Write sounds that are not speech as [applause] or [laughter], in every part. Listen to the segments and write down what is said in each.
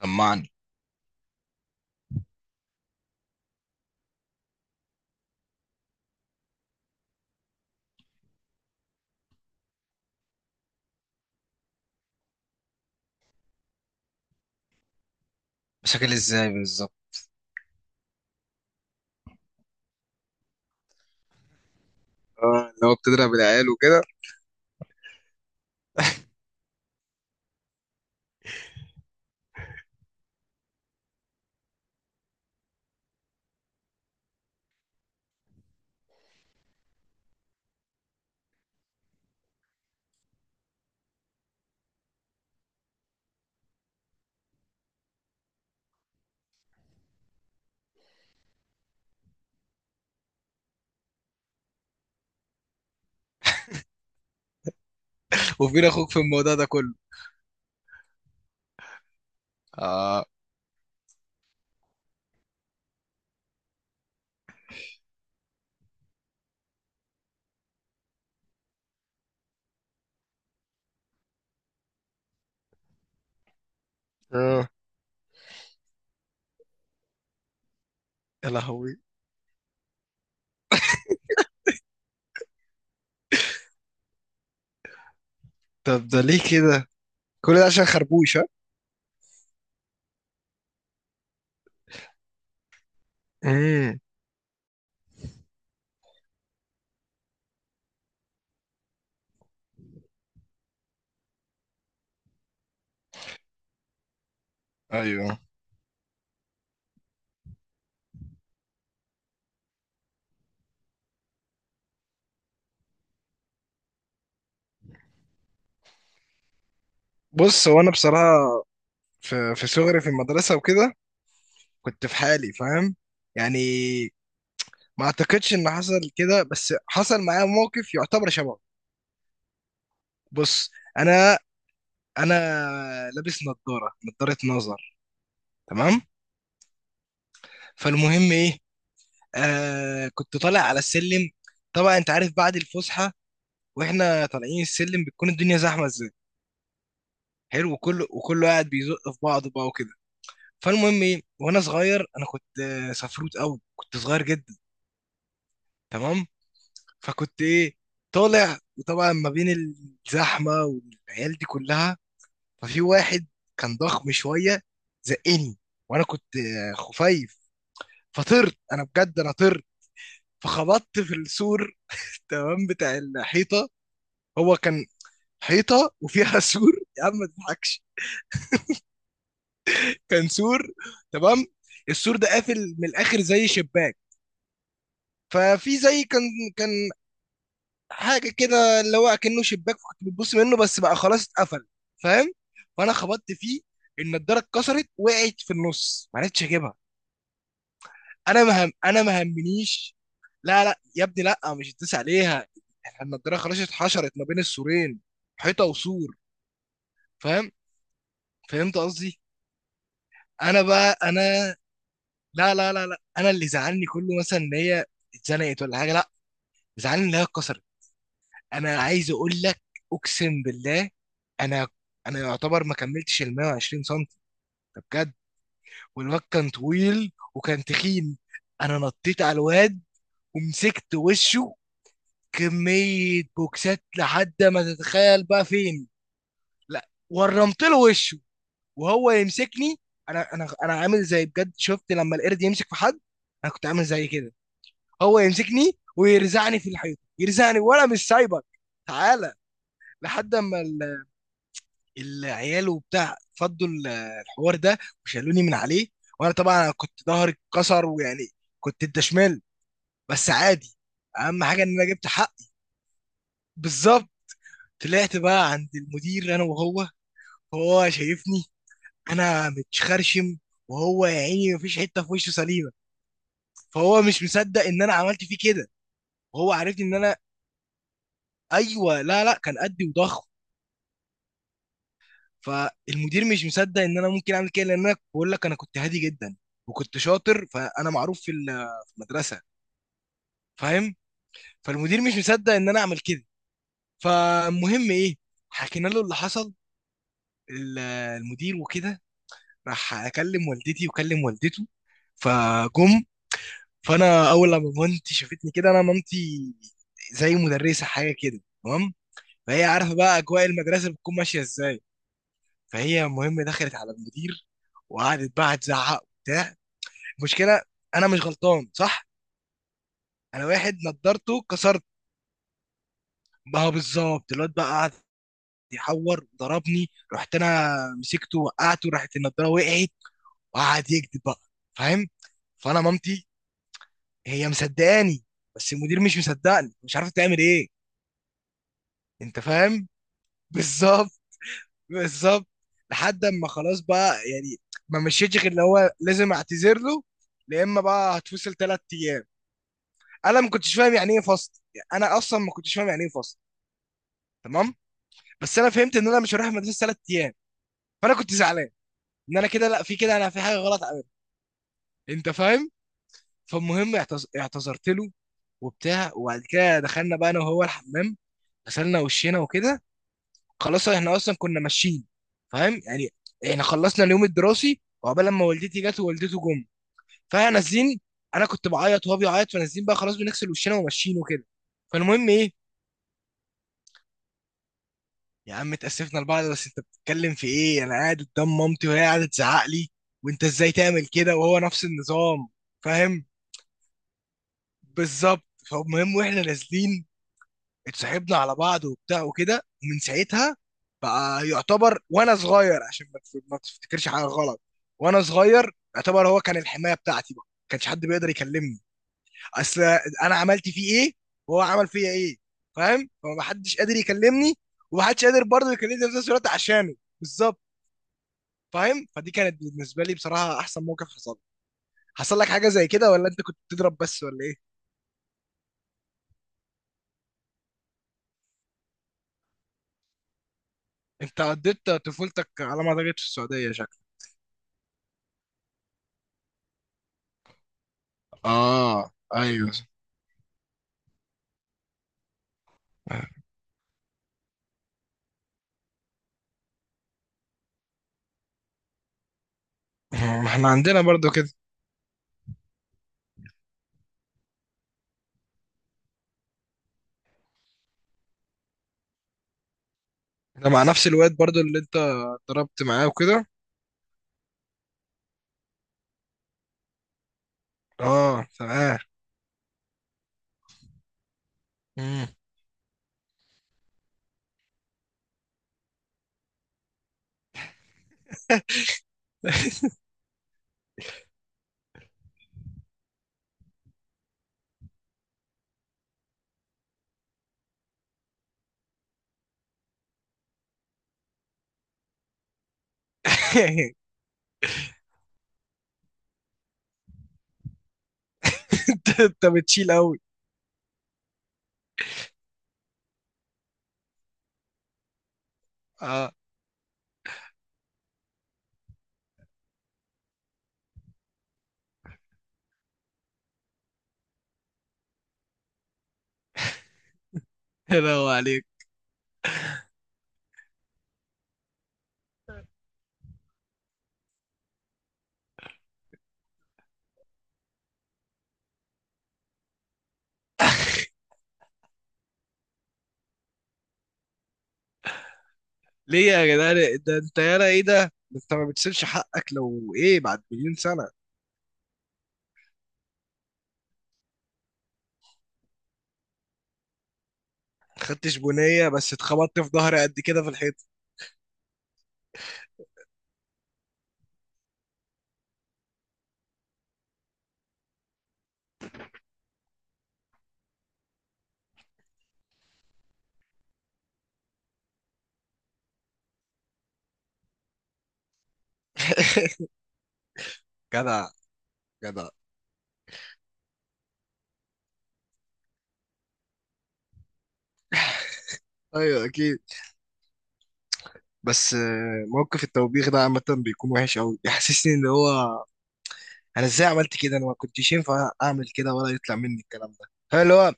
طمعني. مشاكل ازاي بالظبط؟ اه، اللي هو بتضرب العيال وكده. [laughs] وفين اخوك في الموضوع ده كله؟ اه. اه. يا لهوي. طب ده ليه كده؟ كل ده عشان خربوش؟ ها. امم ايوه. بص، هو انا بصراحه في صغري في المدرسه وكده كنت في حالي، فاهم؟ يعني ما اعتقدش ان حصل كده، بس حصل معايا موقف يعتبر شبهه. بص، انا انا لابس نظاره نظر، تمام؟ فالمهم ايه، كنت طالع على السلم. طبعا انت عارف بعد الفسحه واحنا طالعين السلم بتكون الدنيا زحمه ازاي. حلو، وكله قاعد بيزق في بعضه بقى وكده. فالمهم ايه، وانا صغير انا كنت سفروت قوي، كنت صغير جدا، تمام؟ فكنت ايه، طالع، وطبعا ما بين الزحمه والعيال دي كلها ففي واحد كان ضخم شويه زقني، وانا كنت خفيف، فطرت انا بجد، انا طرت، فخبطت في السور تمام، بتاع الحيطه. هو كان حيطه وفيها [laughs] سور. يا عم ما تضحكش، كان سور، تمام. السور ده قافل من الاخر زي شباك. ففي زي كان حاجه كده اللي هو اكنه شباك كنت بتبص منه بس بقى خلاص اتقفل، فاهم؟ فانا خبطت فيه، النضاره اتكسرت، وقعت في النص، ما عرفتش اجيبها. انا مهم، انا ما همنيش. لا لا يا ابني، لا، مش هتدوس عليها، احنا النضاره خلاص اتحشرت ما بين السورين، حيطه وسور، فاهم؟ فهمت قصدي؟ انا، لا لا لا لا، انا اللي زعلني كله مثلا ان هي اتزنقت ولا حاجه، لا، زعلني ان هي اتكسرت. انا عايز اقول لك، اقسم بالله، انا انا يعتبر ما كملتش ال 120 سم، ده بجد، والواد كان طويل وكان تخين. انا نطيت على الواد ومسكت وشه كميه بوكسات لحد ما تتخيل بقى فين. لا، ورمت له وشه وهو يمسكني. انا عامل زي، بجد شفت لما القرد يمسك في حد، انا كنت عامل زي كده. هو يمسكني ويرزعني في الحيط، يرزعني وانا مش سايبك، تعالى. لحد اما العيال وبتاع فضوا الحوار ده وشالوني من عليه. وانا طبعا كنت ظهري اتكسر، ويعني كنت انت شمال، بس عادي، اهم حاجه ان انا جبت حقي. بالظبط. طلعت بقى عند المدير انا وهو، هو شايفني انا متخرشم، وهو يا عيني مفيش حته في وشه سليمه، فهو مش مصدق ان انا عملت فيه كده وهو عارفني ان انا، ايوه، لا لا كان قدي وضخم. فالمدير مش مصدق ان انا ممكن اعمل كده، لان انا بقول لك انا كنت هادي جدا وكنت شاطر، فانا معروف في في المدرسه، فاهم؟ فالمدير مش مصدق ان انا اعمل كده. فالمهم ايه، حكينا له اللي حصل ال- المدير وكده. راح اكلم والدتي وكلم والدته، فجم. فانا اول لما مامتي شافتني كده، انا مامتي زي مدرسه حاجه كده، تمام؟ فهي عارفه بقى اجواء المدرسه بتكون ماشيه ازاي. فهي المهم دخلت على المدير وقعدت بقى تزعق وبتاع. المشكله انا مش غلطان، صح؟ انا واحد نضارته كسرت، ما هو بالظبط، الواد بقى قعد يحور، ضربني، رحت انا مسكته وقعته، راحت النضاره وقعت، وقعد يكذب بقى، فاهم؟ فانا مامتي هي مصدقاني بس المدير مش مصدقني، مش عارفه تعمل ايه. انت فاهم؟ [laughs] بالظبط، بالظبط. لحد اما خلاص بقى يعني، ما مشيتش غير اللي هو لازم اعتذر له يا اما بقى هتفصل ثلاث ايام. انا ما كنتش فاهم يعني ايه فصل، يعني انا اصلا ما كنتش فاهم يعني ايه فصل، تمام؟ بس انا فهمت ان انا مش هروح المدرسه ثلاث ايام، فانا كنت زعلان ان انا كده، لا، في كده انا في حاجه غلط عملها، انت فاهم؟ فالمهم اعتذرت له وبتاع، وبعد كده دخلنا بقى انا وهو الحمام، غسلنا وشينا وكده، خلاص احنا اصلا كنا ماشيين، فاهم يعني. احنا خلصنا اليوم الدراسي وعقبال لما والدتي جت ووالدته جم، فاحنا نازلين، انا كنت بعيط وهو بيعيط، فنازلين بقى خلاص بنغسل وشنا وماشيين وكده. فالمهم ايه، يا عم اتأسفنا لبعض، بس انت بتتكلم في ايه، انا قاعد قدام مامتي وهي قاعدة تزعق لي، وانت ازاي تعمل كده، وهو نفس النظام، فاهم؟ بالظبط. فالمهم واحنا نازلين اتصاحبنا على بعض وبتاع وكده، ومن ساعتها بقى يعتبر، وانا صغير، عشان ما ما تفتكرش حاجة غلط، وانا صغير يعتبر هو كان الحماية بتاعتي بقى، ما كانش حد بيقدر يكلمني. اصل انا عملت فيه ايه، وهو عمل فيا ايه، فاهم؟ فمحدش قادر يكلمني، ومحدش قادر برضه يكلمني في نفس الوقت عشانه. بالظبط. فاهم، فدي كانت بالنسبه لي بصراحه احسن موقف حصل لي. حصل لك حاجه زي كده، ولا انت كنت بتضرب بس، ولا ايه؟ انت قضيت طفولتك على ما اعتقد في السعوديه، شكلك. اه. ايوه. ما احنا عندنا برضو كده. ده مع نفس الواد برضو اللي انت ضربت معاه وكده؟ اه تمام. مم. [laughs] انت بتشيل قوي. اه. حلو عليك. ليه يا جدعان، ده انت يالا ايه ده، ده انت ما بتسيبش حقك لو ايه بعد مليون سنه. ما خدتش بنيه، بس اتخبطت في ظهري قد كده في الحيط. [laughs] جدع. جدع. ايوه اكيد، بس موقف التوبيخ ده عامه بيكون وحش قوي، يحسسني ان هو انا ازاي عملت كده، انا ما كنتش ينفع اعمل كده ولا يطلع مني الكلام ده. هل اللي هو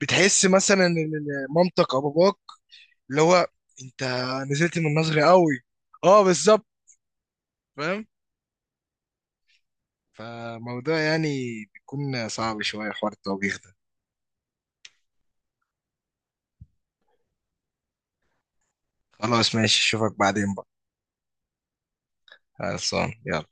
بتحس مثلا ان إن مامتك او باباك اللي هو انت نزلت من نظري قوي؟ اه بالظبط. فاهم. فموضوع يعني بيكون صعب شويه حوار التوبيخ ده. خلاص ماشي، اشوفك بعدين بقى. خلصان، يلا.